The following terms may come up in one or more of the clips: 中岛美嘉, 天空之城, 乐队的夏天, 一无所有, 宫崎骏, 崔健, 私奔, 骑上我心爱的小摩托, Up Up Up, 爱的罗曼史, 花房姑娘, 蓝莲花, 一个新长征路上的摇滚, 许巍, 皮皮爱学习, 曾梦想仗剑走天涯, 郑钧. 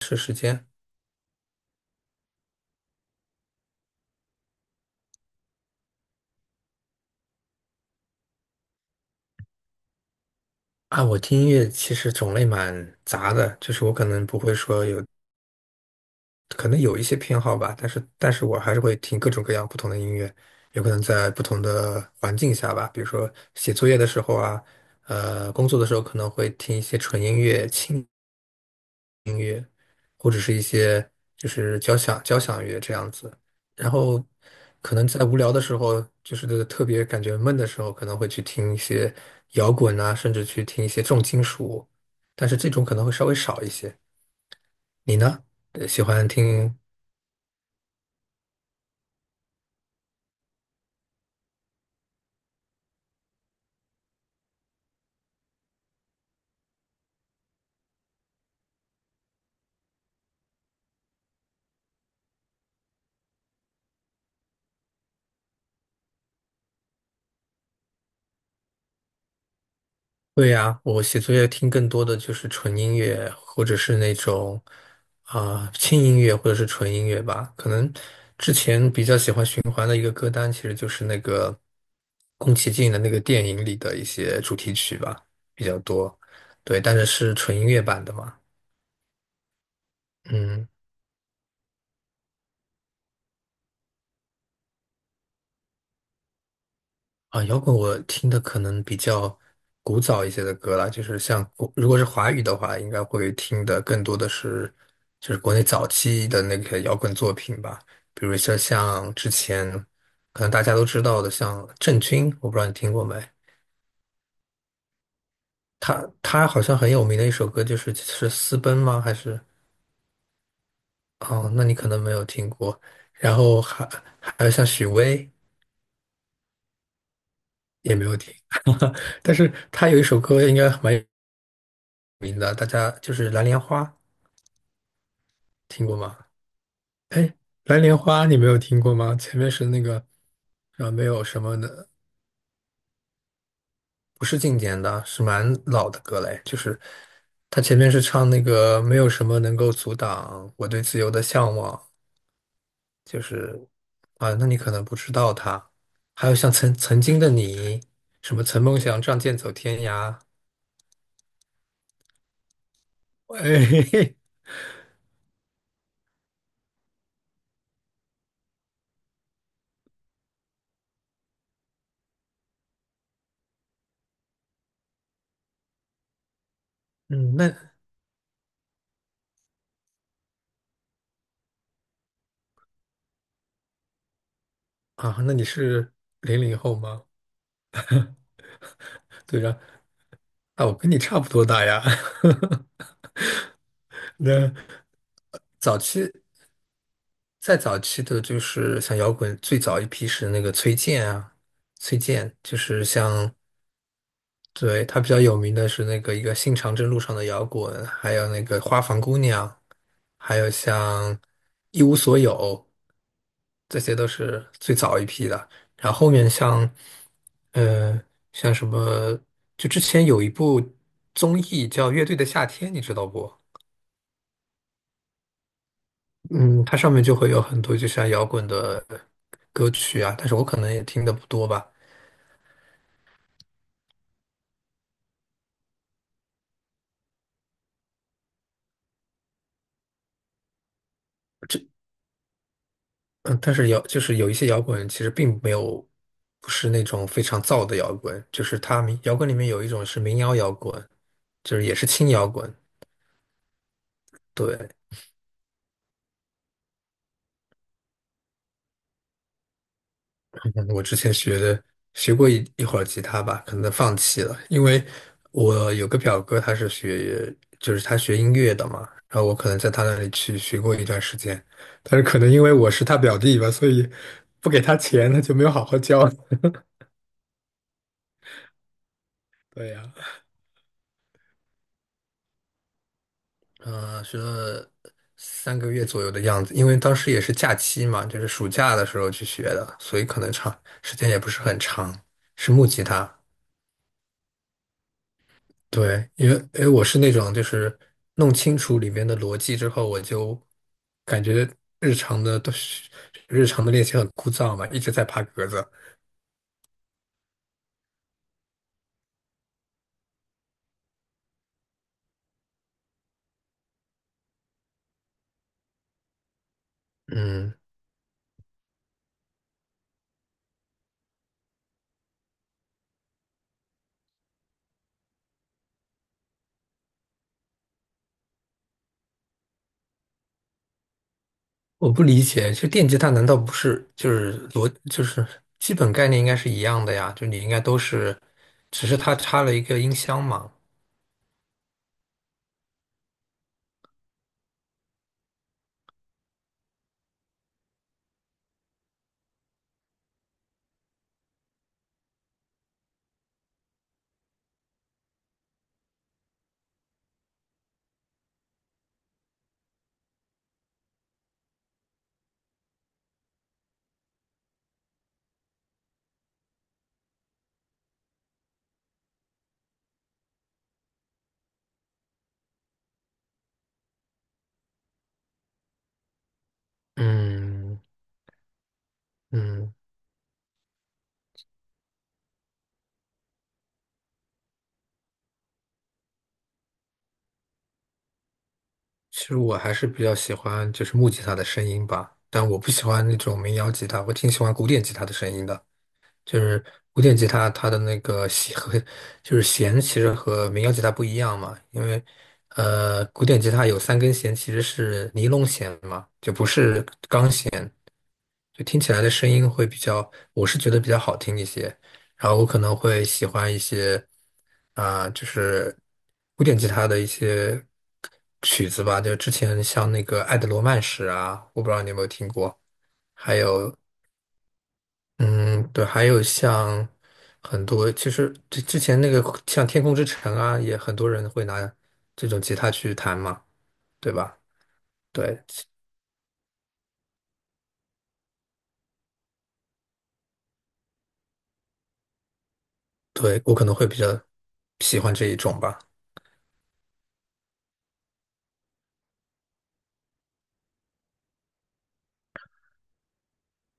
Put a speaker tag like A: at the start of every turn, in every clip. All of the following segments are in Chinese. A: 是时间啊，我听音乐其实种类蛮杂的，就是我可能不会说有，可能有一些偏好吧，但是我还是会听各种各样不同的音乐，有可能在不同的环境下吧，比如说写作业的时候啊，工作的时候可能会听一些纯音乐、轻或者是一些就是交响乐这样子。然后可能在无聊的时候，就是特别感觉闷的时候，可能会去听一些摇滚啊，甚至去听一些重金属，但是这种可能会稍微少一些。你呢？喜欢听？对呀，我写作业听更多的就是纯音乐，或者是那种轻音乐，或者是纯音乐吧。可能之前比较喜欢循环的一个歌单，其实就是那个宫崎骏的那个电影里的一些主题曲吧，比较多。对，但是是纯音乐版的嘛。嗯，啊，摇滚我听的可能比较古早一些的歌啦，就是像国，如果是华语的话，应该会听的更多的是就是国内早期的那个摇滚作品吧，比如说像之前可能大家都知道的，像郑钧，我不知道你听过没？他好像很有名的一首歌就是《私奔》吗？还是哦，那你可能没有听过。然后还有像许巍也没有听，但是他有一首歌应该蛮有名的，大家就是《蓝莲花》。听过吗？哎，蓝莲花你没有听过吗？前面是那个，啊，没有什么的，不是经典的，是蛮老的歌嘞。就是他前面是唱那个没有什么能够阻挡我对自由的向往，就是啊，那你可能不知道他。还有像曾经的你，什么曾梦想仗剑走天涯，哎，嗯，那啊，那你是零零后吗？对呀，啊，我跟你差不多大呀。那再早期的，就是像摇滚最早一批是那个崔健啊，崔健就是像，对，他比较有名的是那个一个新长征路上的摇滚，还有那个花房姑娘，还有像一无所有，这些都是最早一批的。然后后面像，呃，像什么，就之前有一部综艺叫《乐队的夏天》，你知道不？嗯，它上面就会有很多就像摇滚的歌曲啊，但是我可能也听的不多吧。嗯，但是摇就是有一些摇滚其实并没有，不是那种非常燥的摇滚，就是它民摇滚里面有一种是民谣摇滚，就是也是轻摇滚，对。嗯我之前学的学过一会儿吉他吧，可能放弃了，因为我有个表哥，他是学就是他学音乐的嘛，然后我可能在他那里去学过一段时间，但是可能因为我是他表弟吧，所以不给他钱，他就没有好好教。对呀，嗯，学了3个月左右的样子，因为当时也是假期嘛，就是暑假的时候去学的，所以可能长时间也不是很长，是木吉他。对，因为我是那种就是弄清楚里面的逻辑之后，我就感觉日常的都是日常的练习很枯燥嘛，一直在爬格子。嗯，我不理解，就电吉他难道不是就是逻就是基本概念应该是一样的呀？就你应该都是，只是它插了一个音箱嘛。嗯嗯，其实我还是比较喜欢就是木吉他的声音吧，但我不喜欢那种民谣吉他，我挺喜欢古典吉他的声音的。就是古典吉他，它的那个弦和就是弦其实和民谣吉他不一样嘛，因为古典吉他有三根弦其实是尼龙弦嘛，就不是钢弦，就听起来的声音会比较，我是觉得比较好听一些。然后我可能会喜欢一些就是古典吉他的一些曲子吧，就之前像那个《爱的罗曼史》啊，我不知道你有没有听过，还有嗯，对，还有像很多，其实之前那个像《天空之城》啊，也很多人会拿这种吉他去弹嘛，对吧？对，对，我可能会比较喜欢这一种吧。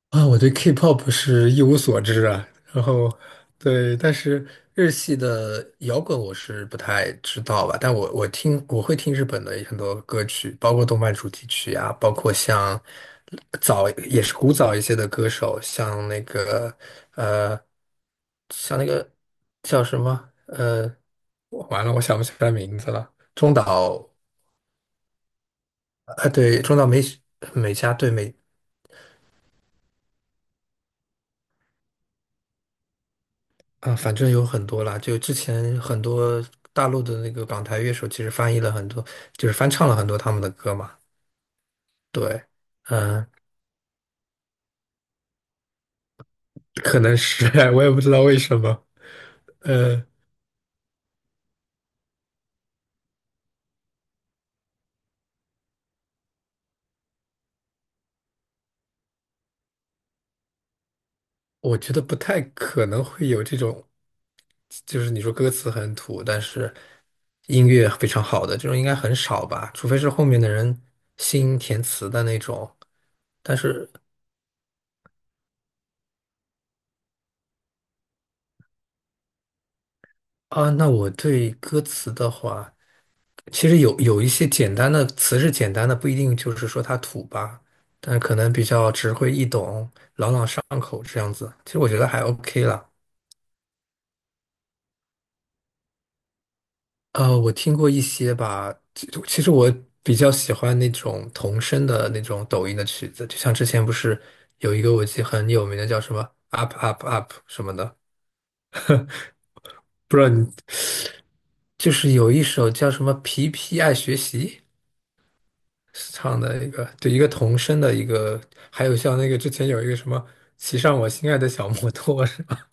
A: 啊，我对 K-pop 是一无所知啊，然后对，但是日系的摇滚我是不太知道吧，但我会听日本的很多歌曲，包括动漫主题曲啊，包括像早也是古早一些的歌手，像那个呃，像那个叫什么，我完了，我想不起来名字了，中岛啊，对，中岛美嘉，对美啊，反正有很多啦，就之前很多大陆的那个港台乐手，其实翻译了很多，就是翻唱了很多他们的歌嘛。对，嗯，可能是，我也不知道为什么。呃，我觉得不太可能会有这种，就是你说歌词很土，但是音乐非常好的这种应该很少吧，除非是后面的人新填词的那种。但是啊，那我对歌词的话。其实有一些简单的词是简单的，不一定就是说它土吧，但可能比较直会易懂、朗朗上口这样子。其实我觉得还 OK 了。我听过一些吧，其实我比较喜欢那种童声的那种抖音的曲子，就像之前不是有一个我记得很有名的叫什么 Up Up Up 什么的，不知道你就是有一首叫什么皮皮爱学习。唱的一个，对，一个童声的一个，还有像那个之前有一个什么骑上我心爱的小摩托是吧？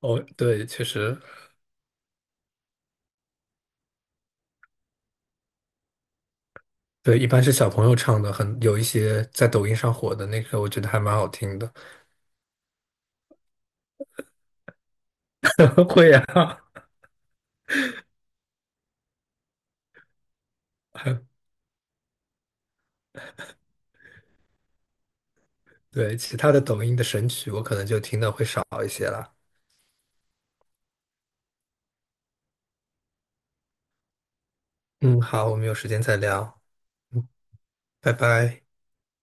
A: 哦，对，确实，对，一般是小朋友唱的，很有一些在抖音上火的那个，我觉得还蛮好听的。会啊，对，其他的抖音的神曲我可能就听的会少一些了。嗯，好，我们有时间再聊，嗯，拜拜。